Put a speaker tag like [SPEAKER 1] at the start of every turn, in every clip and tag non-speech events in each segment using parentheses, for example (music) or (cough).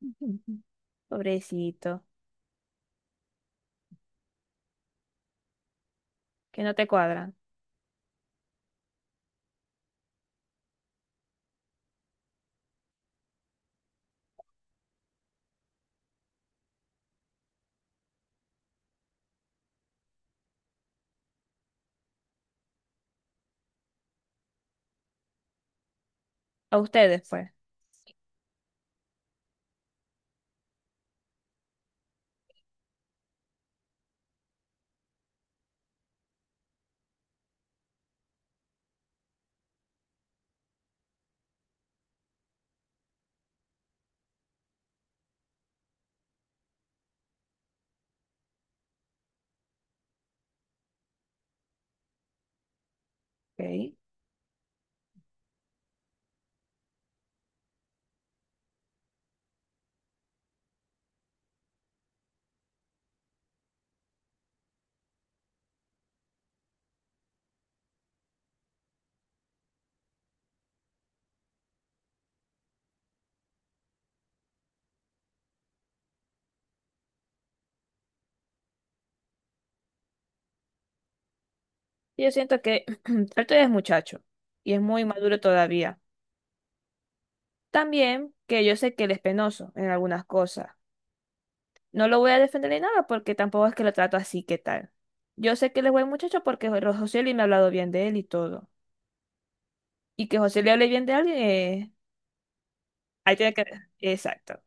[SPEAKER 1] (laughs) Ujú. Pobrecito, que no te cuadran. A ustedes, pues. Ok. Yo siento que (clears throat) Alto es muchacho y es muy maduro todavía. También que yo sé que él es penoso en algunas cosas. No lo voy a defender ni nada porque tampoco es que lo trato así, ¿qué tal? Yo sé que él es buen muchacho porque José Luis me ha hablado bien de él y todo. Y que José le hable bien de alguien, ahí tiene que... Exacto.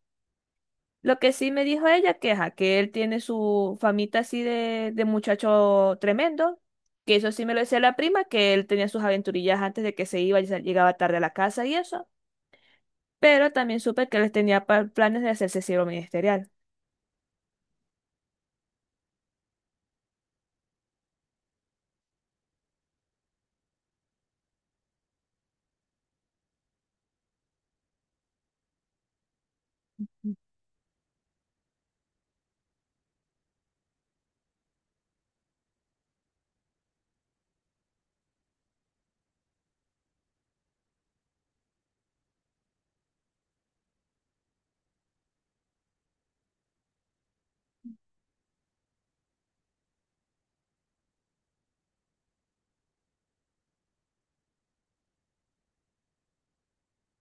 [SPEAKER 1] Lo que sí me dijo ella que, ajá, que él tiene su famita así de muchacho tremendo, que eso sí me lo decía la prima, que él tenía sus aventurillas antes de que se iba y llegaba tarde a la casa y eso, pero también supe que él tenía planes de hacerse siervo ministerial.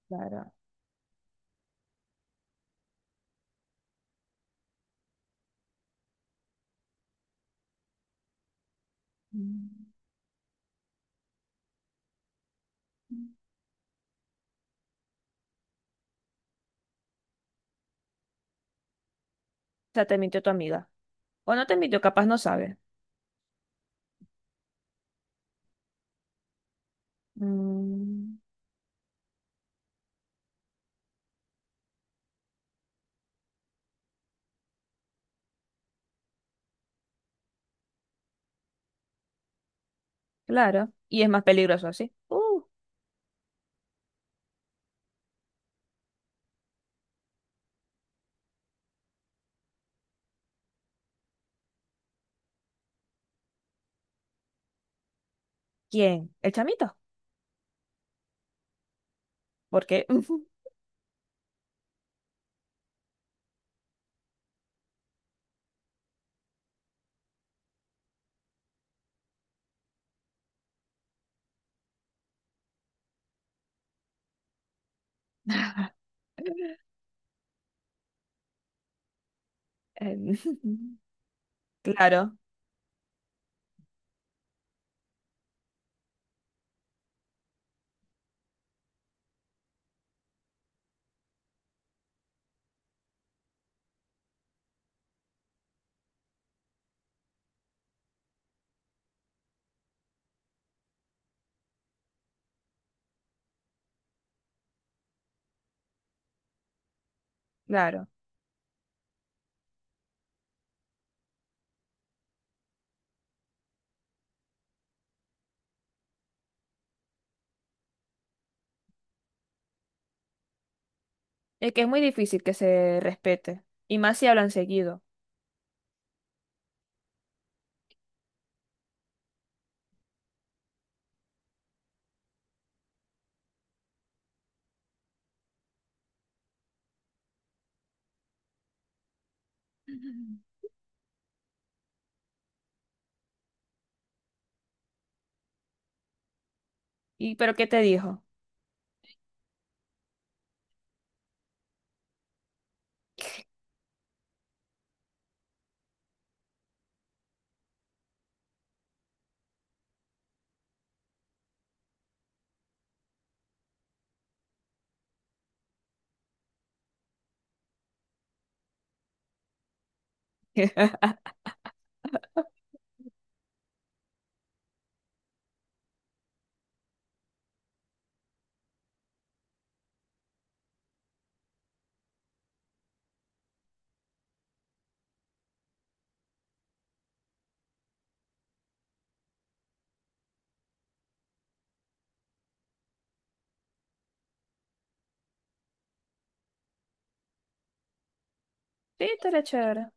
[SPEAKER 1] Claro. Mm. O sea, te mintió tu amiga. O no te mintió, capaz no sabe. Mm. Claro. Y es más peligroso así. ¿Quién? ¿El chamito? Porque... (laughs) Claro, claro. Es que es muy difícil que se respete. Y más si hablan seguido. (laughs) ¿Y pero qué te dijo? (laughs) Sí, estaría chévere.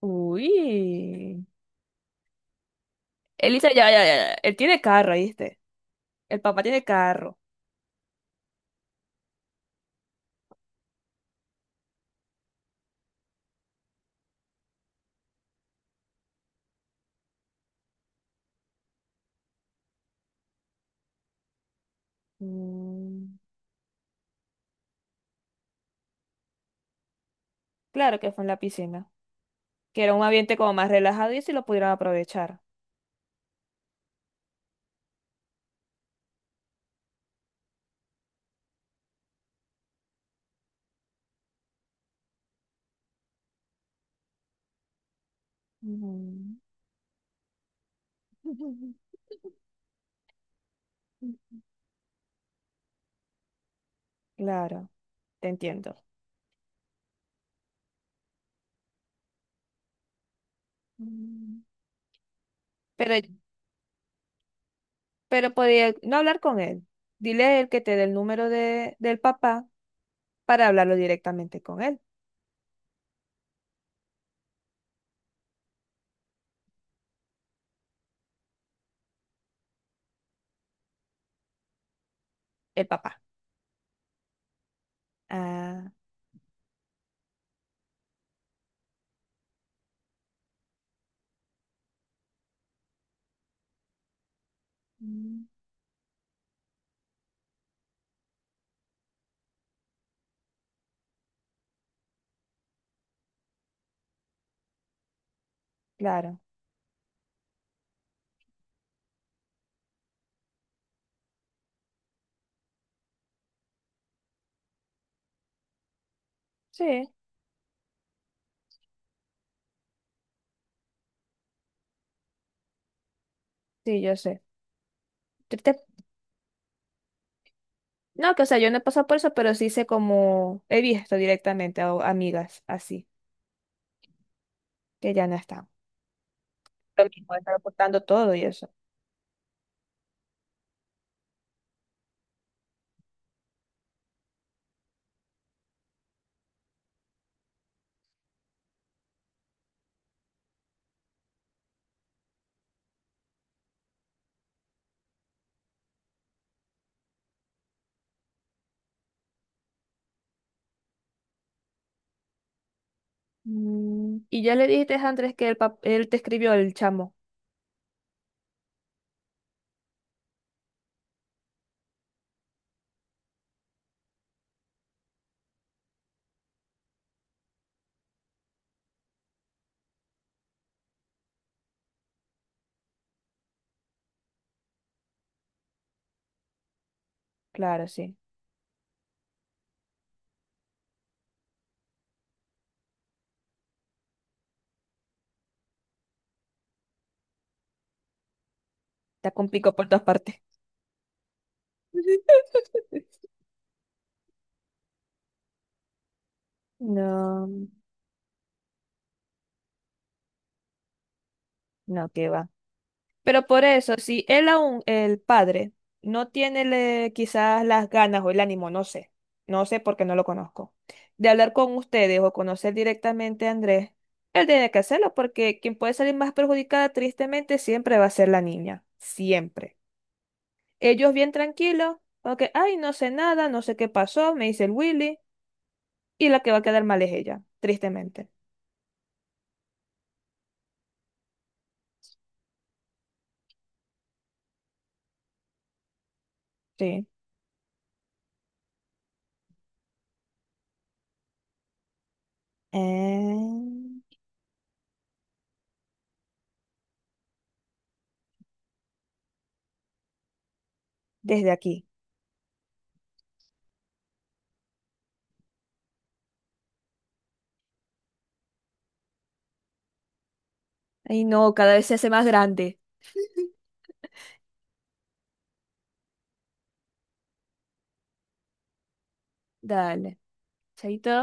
[SPEAKER 1] Uy. Elisa, ya, ya, ya. Ya. Él tiene carro, ¿viste? El papá tiene carro. Mm, claro que fue en la piscina. Que era un ambiente como más relajado y si lo pudieran aprovechar. Mm, (laughs) claro, te entiendo. Mm. Pero, pero podía no hablar con él. Dile a él que te dé el número de, del papá para hablarlo directamente con él, el papá. Ah, mm, claro. Sí, sí, yo sé. Te- te- No, que o sea, yo no he pasado por eso, pero sí sé como he visto directamente a amigas así, que ya no están. Lo mismo, están reportando todo y eso. Y ya le dijiste a Andrés que el él te escribió el chamo. Claro, sí. Está con pico por todas partes. (laughs) No, no, que va. Pero por eso, si él aún, el padre, no tiene quizás las ganas o el ánimo, no sé, no sé porque no lo conozco, de hablar con ustedes o conocer directamente a Andrés, él tiene que hacerlo porque quien puede salir más perjudicada tristemente siempre va a ser la niña, siempre. Ellos bien tranquilos, porque, ay, no sé nada, no sé qué pasó, me dice el Willy, y la que va a quedar mal es ella, tristemente. Sí. Eh, desde aquí. Ay, no, cada vez se hace más grande. Dale. Chaito.